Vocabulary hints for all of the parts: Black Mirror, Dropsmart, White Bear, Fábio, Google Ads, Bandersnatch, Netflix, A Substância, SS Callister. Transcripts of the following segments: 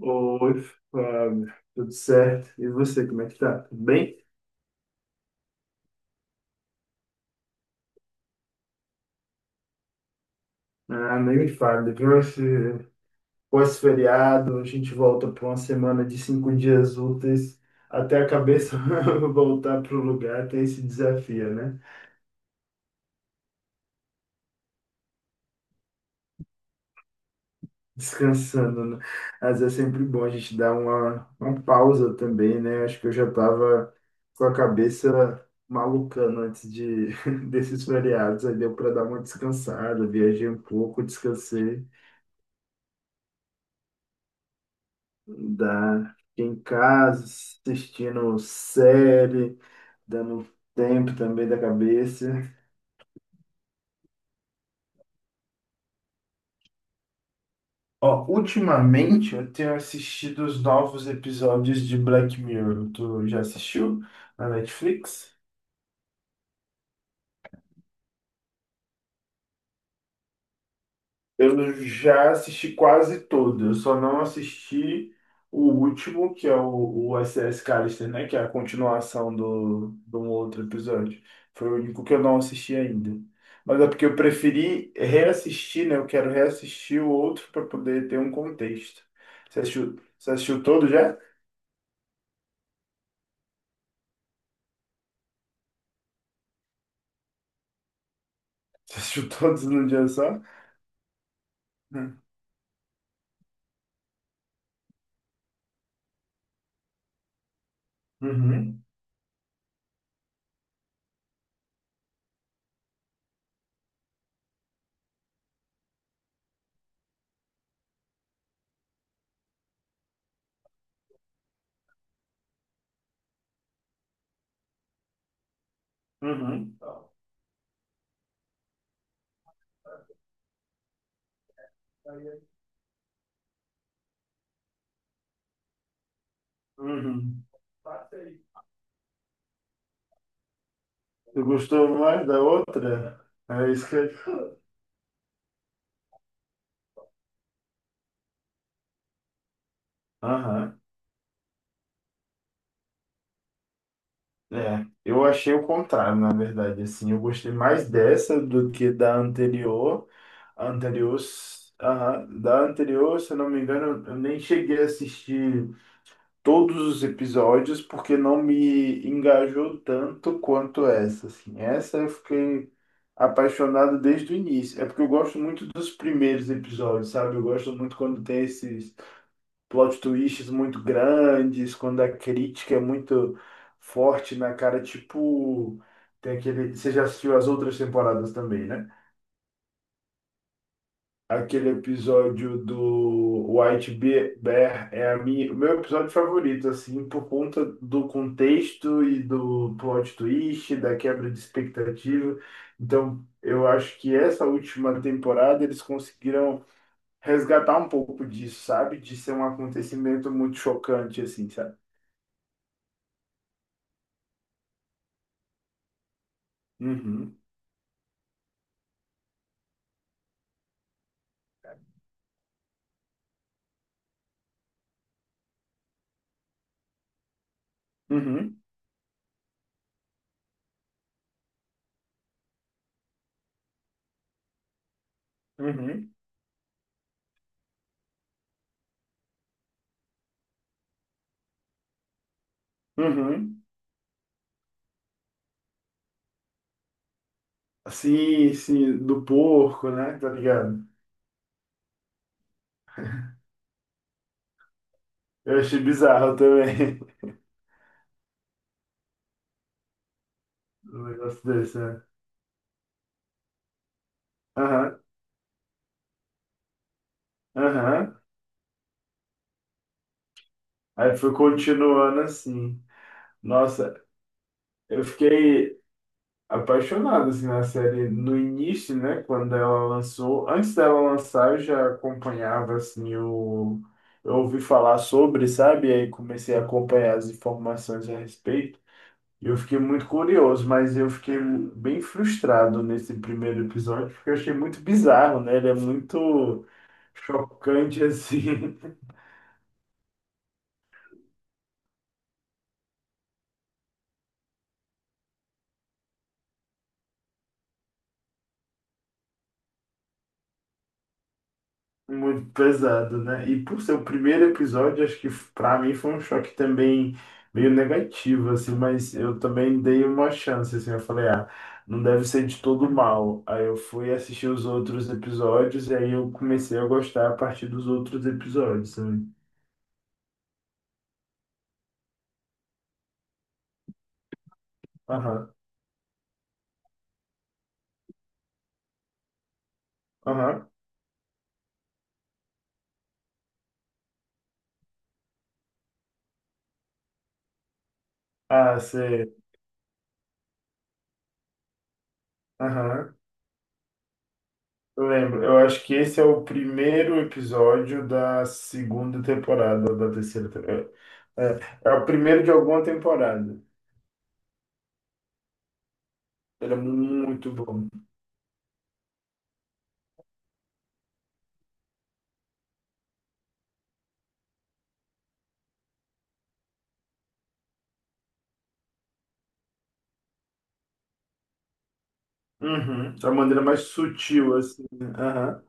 Oi, Fábio, tudo certo? E você, como é que tá? Tudo bem? Ah, nem me fale, depois esse pós-feriado, a gente volta para uma semana de 5 dias úteis até a cabeça voltar para o lugar, tem esse desafio, né? Descansando, né? Mas é sempre bom a gente dar uma pausa também, né? Acho que eu já tava com a cabeça malucando antes de, desses feriados, aí deu para dar uma descansada, viajei um pouco, descansei. Dá. Fiquei em casa, assistindo série, dando tempo também da cabeça. Ó, ultimamente eu tenho assistido os novos episódios de Black Mirror. Tu já assistiu na Netflix? Eu já assisti quase todo, eu só não assisti o último, que é o SS Callister, né? Que é a continuação de um outro episódio. Foi o único que eu não assisti ainda. Mas é porque eu preferi reassistir, né? Eu quero reassistir o outro para poder ter um contexto. Você assistiu todo já? Você assistiu todos num dia só? Hum. Uhum, uhum, uhum. Você gostou mais da outra? É isso que eu ia. Aham, é. Eu achei o contrário, na verdade, assim. Eu gostei mais dessa do que da anterior. A anterior, aham, da anterior, se eu não me engano, eu nem cheguei a assistir todos os episódios porque não me engajou tanto quanto essa, assim. Essa eu fiquei apaixonado desde o início. É porque eu gosto muito dos primeiros episódios, sabe? Eu gosto muito quando tem esses plot twists muito grandes, quando a crítica é muito forte na cara, tipo, tem aquele, você já assistiu as outras temporadas também, né? Aquele episódio do Bear é a minha, o meu episódio favorito, assim, por conta do contexto e do plot twist, da quebra de expectativa. Então, eu acho que essa última temporada eles conseguiram resgatar um pouco disso, sabe? De ser um acontecimento muito chocante, assim, sabe? Uhum, uhum, uhum, uhum. Sim, sim, do porco, né? Tá ligado? Eu achei bizarro também, um negócio desse, né? Aham, aham. Aí foi continuando assim. Nossa, eu fiquei apaixonado assim, na série no início, né? Quando ela lançou. Antes dela lançar, eu já acompanhava assim o. Eu ouvi falar sobre, sabe? E aí comecei a acompanhar as informações a respeito. Eu fiquei muito curioso, mas eu fiquei bem frustrado nesse primeiro episódio, porque eu achei muito bizarro, né? Ele é muito chocante, assim, muito pesado, né? E por ser o primeiro episódio, acho que pra mim foi um choque também meio negativo, assim, mas eu também dei uma chance, assim, eu falei, ah, não deve ser de todo mal. Aí eu fui assistir os outros episódios e aí eu comecei a gostar a partir dos outros episódios, né? Aham, aham. Ah, sei. Aham. Eu lembro, eu acho que esse é o primeiro episódio da segunda temporada, ou da terceira temporada. É, é o primeiro de alguma temporada. Era muito bom. Uhum. Da maneira mais sutil, assim, né? Aham,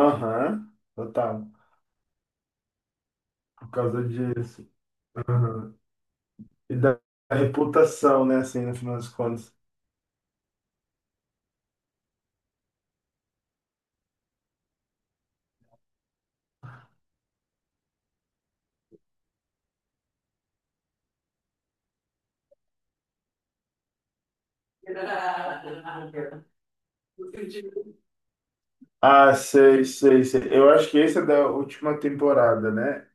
aham, total. Por causa disso. Aham. E da reputação, né, assim, no final das contas. Ah, sei, sei, sei. Eu acho que esse é da última temporada, né?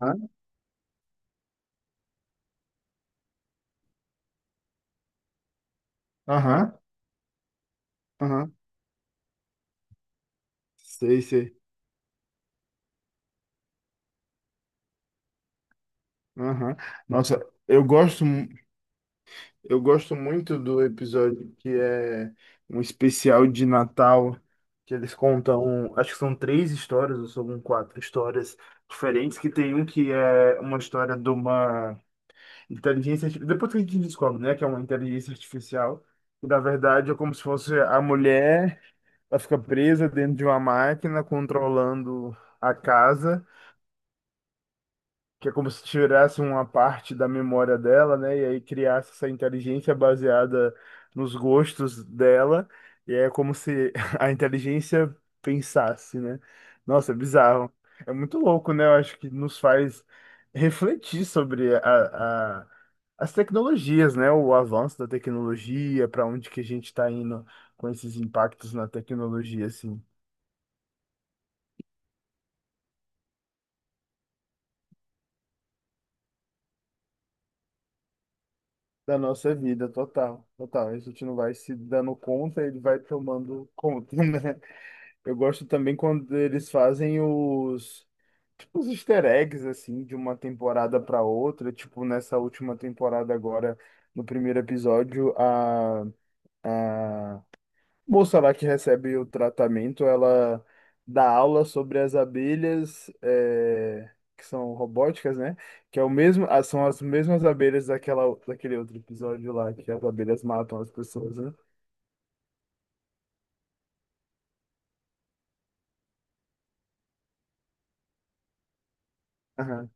Hã? Aham, aham. Sei, sei. Aham. Nossa, eu gosto, mu- eu gosto muito do episódio que é um especial de Natal, que eles contam, acho que são três histórias, ou são quatro histórias diferentes, que tem um que é uma história de uma depois que a gente descobre, né, que é uma inteligência artificial, que na verdade é como se fosse a mulher, ela fica presa dentro de uma máquina controlando a casa. Que é como se tirasse uma parte da memória dela, né? E aí criasse essa inteligência baseada nos gostos dela. E é como se a inteligência pensasse, né? Nossa, é bizarro. É muito louco, né? Eu acho que nos faz refletir sobre a- as tecnologias, né? O avanço da tecnologia, para onde que a gente está indo com esses impactos na tecnologia, assim. Da nossa vida, total, total. A gente não vai se dando conta, ele vai tomando conta, né? Eu gosto também quando eles fazem os, tipo, os easter eggs, assim, de uma temporada para outra. Tipo, nessa última temporada agora, no primeiro episódio, a Moça lá que recebe o tratamento, ela dá aula sobre as abelhas, é, que são robóticas, né? Que é o mesmo, ah, são as mesmas abelhas daquela, daquele outro episódio lá, que as abelhas matam as pessoas, né? Aham.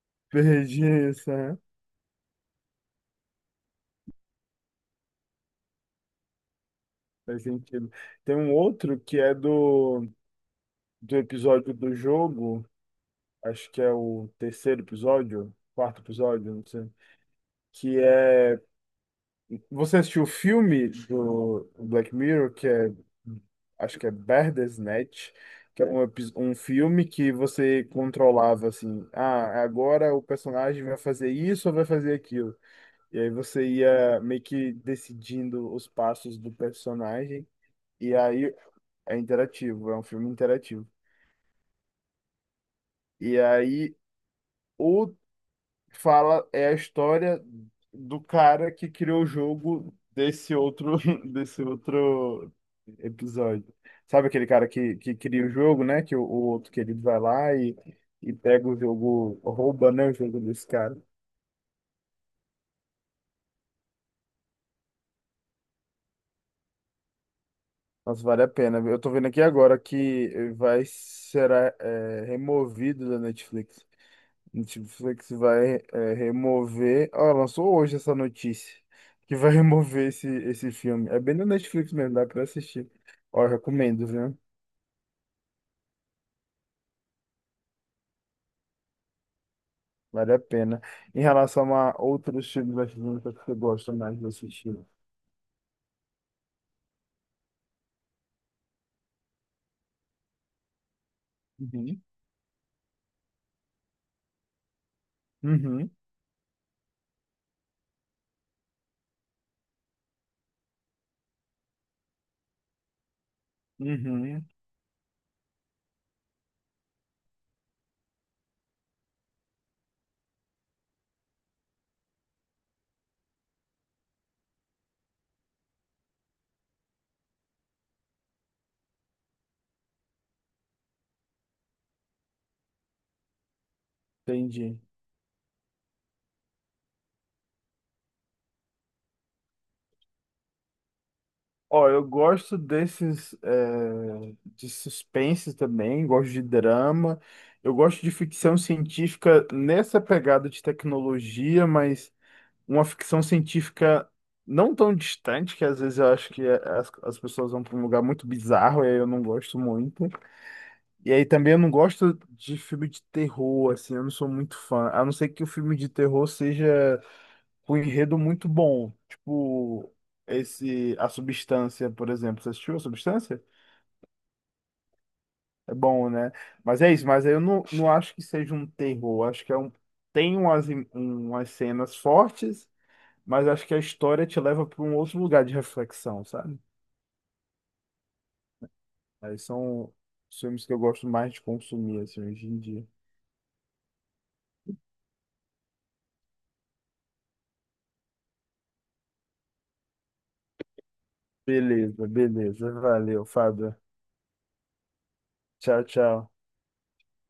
Perdi isso, aham. Faz sentido. Tem um outro que é do, do episódio do jogo, acho que é o terceiro episódio, quarto episódio, não sei, que é. Você assistiu o filme do Black Mirror, que é, acho que é Bandersnatch, que é um, um filme que você controlava assim, ah, agora o personagem vai fazer isso ou vai fazer aquilo. E aí você ia meio que decidindo os passos do personagem, e aí é interativo, é um filme interativo. E aí o fala é a história do cara que criou o jogo desse outro desse outro episódio. Sabe aquele cara que cria o jogo, né? Que o outro querido vai lá e pega o jogo, rouba, né, o jogo desse cara. Nossa, vale a pena, viu? Eu tô vendo aqui agora que vai será é, removido da Netflix. Netflix vai é, remover. Ah, lançou hoje essa notícia que vai remover esse filme. É bem no Netflix mesmo, dá pra assistir. Ó, eu recomendo, viu? Vale a pena. Em relação a outros filmes brasileiros que você gosta mais de assistir. Uhum. Uhum, uhum, entendi. Ó, eu gosto desses é, de suspense também, gosto de drama, eu gosto de ficção científica nessa pegada de tecnologia, mas uma ficção científica não tão distante, que às vezes eu acho que é, as pessoas vão para um lugar muito bizarro, e aí eu não gosto muito. E aí também eu não gosto de filme de terror, assim, eu não sou muito fã. A não ser que o filme de terror seja com um enredo muito bom. Tipo, esse, A Substância, por exemplo. Você assistiu A Substância? É bom, né? Mas é isso, mas aí eu não acho que seja um terror. Acho que é um, tem umas, umas cenas fortes. Mas acho que a história te leva para um outro lugar de reflexão, sabe? Aí são os filmes que eu gosto mais de consumir, assim, hoje em dia. Beleza, beleza. Valeu, Fábio. Tchau, tchau.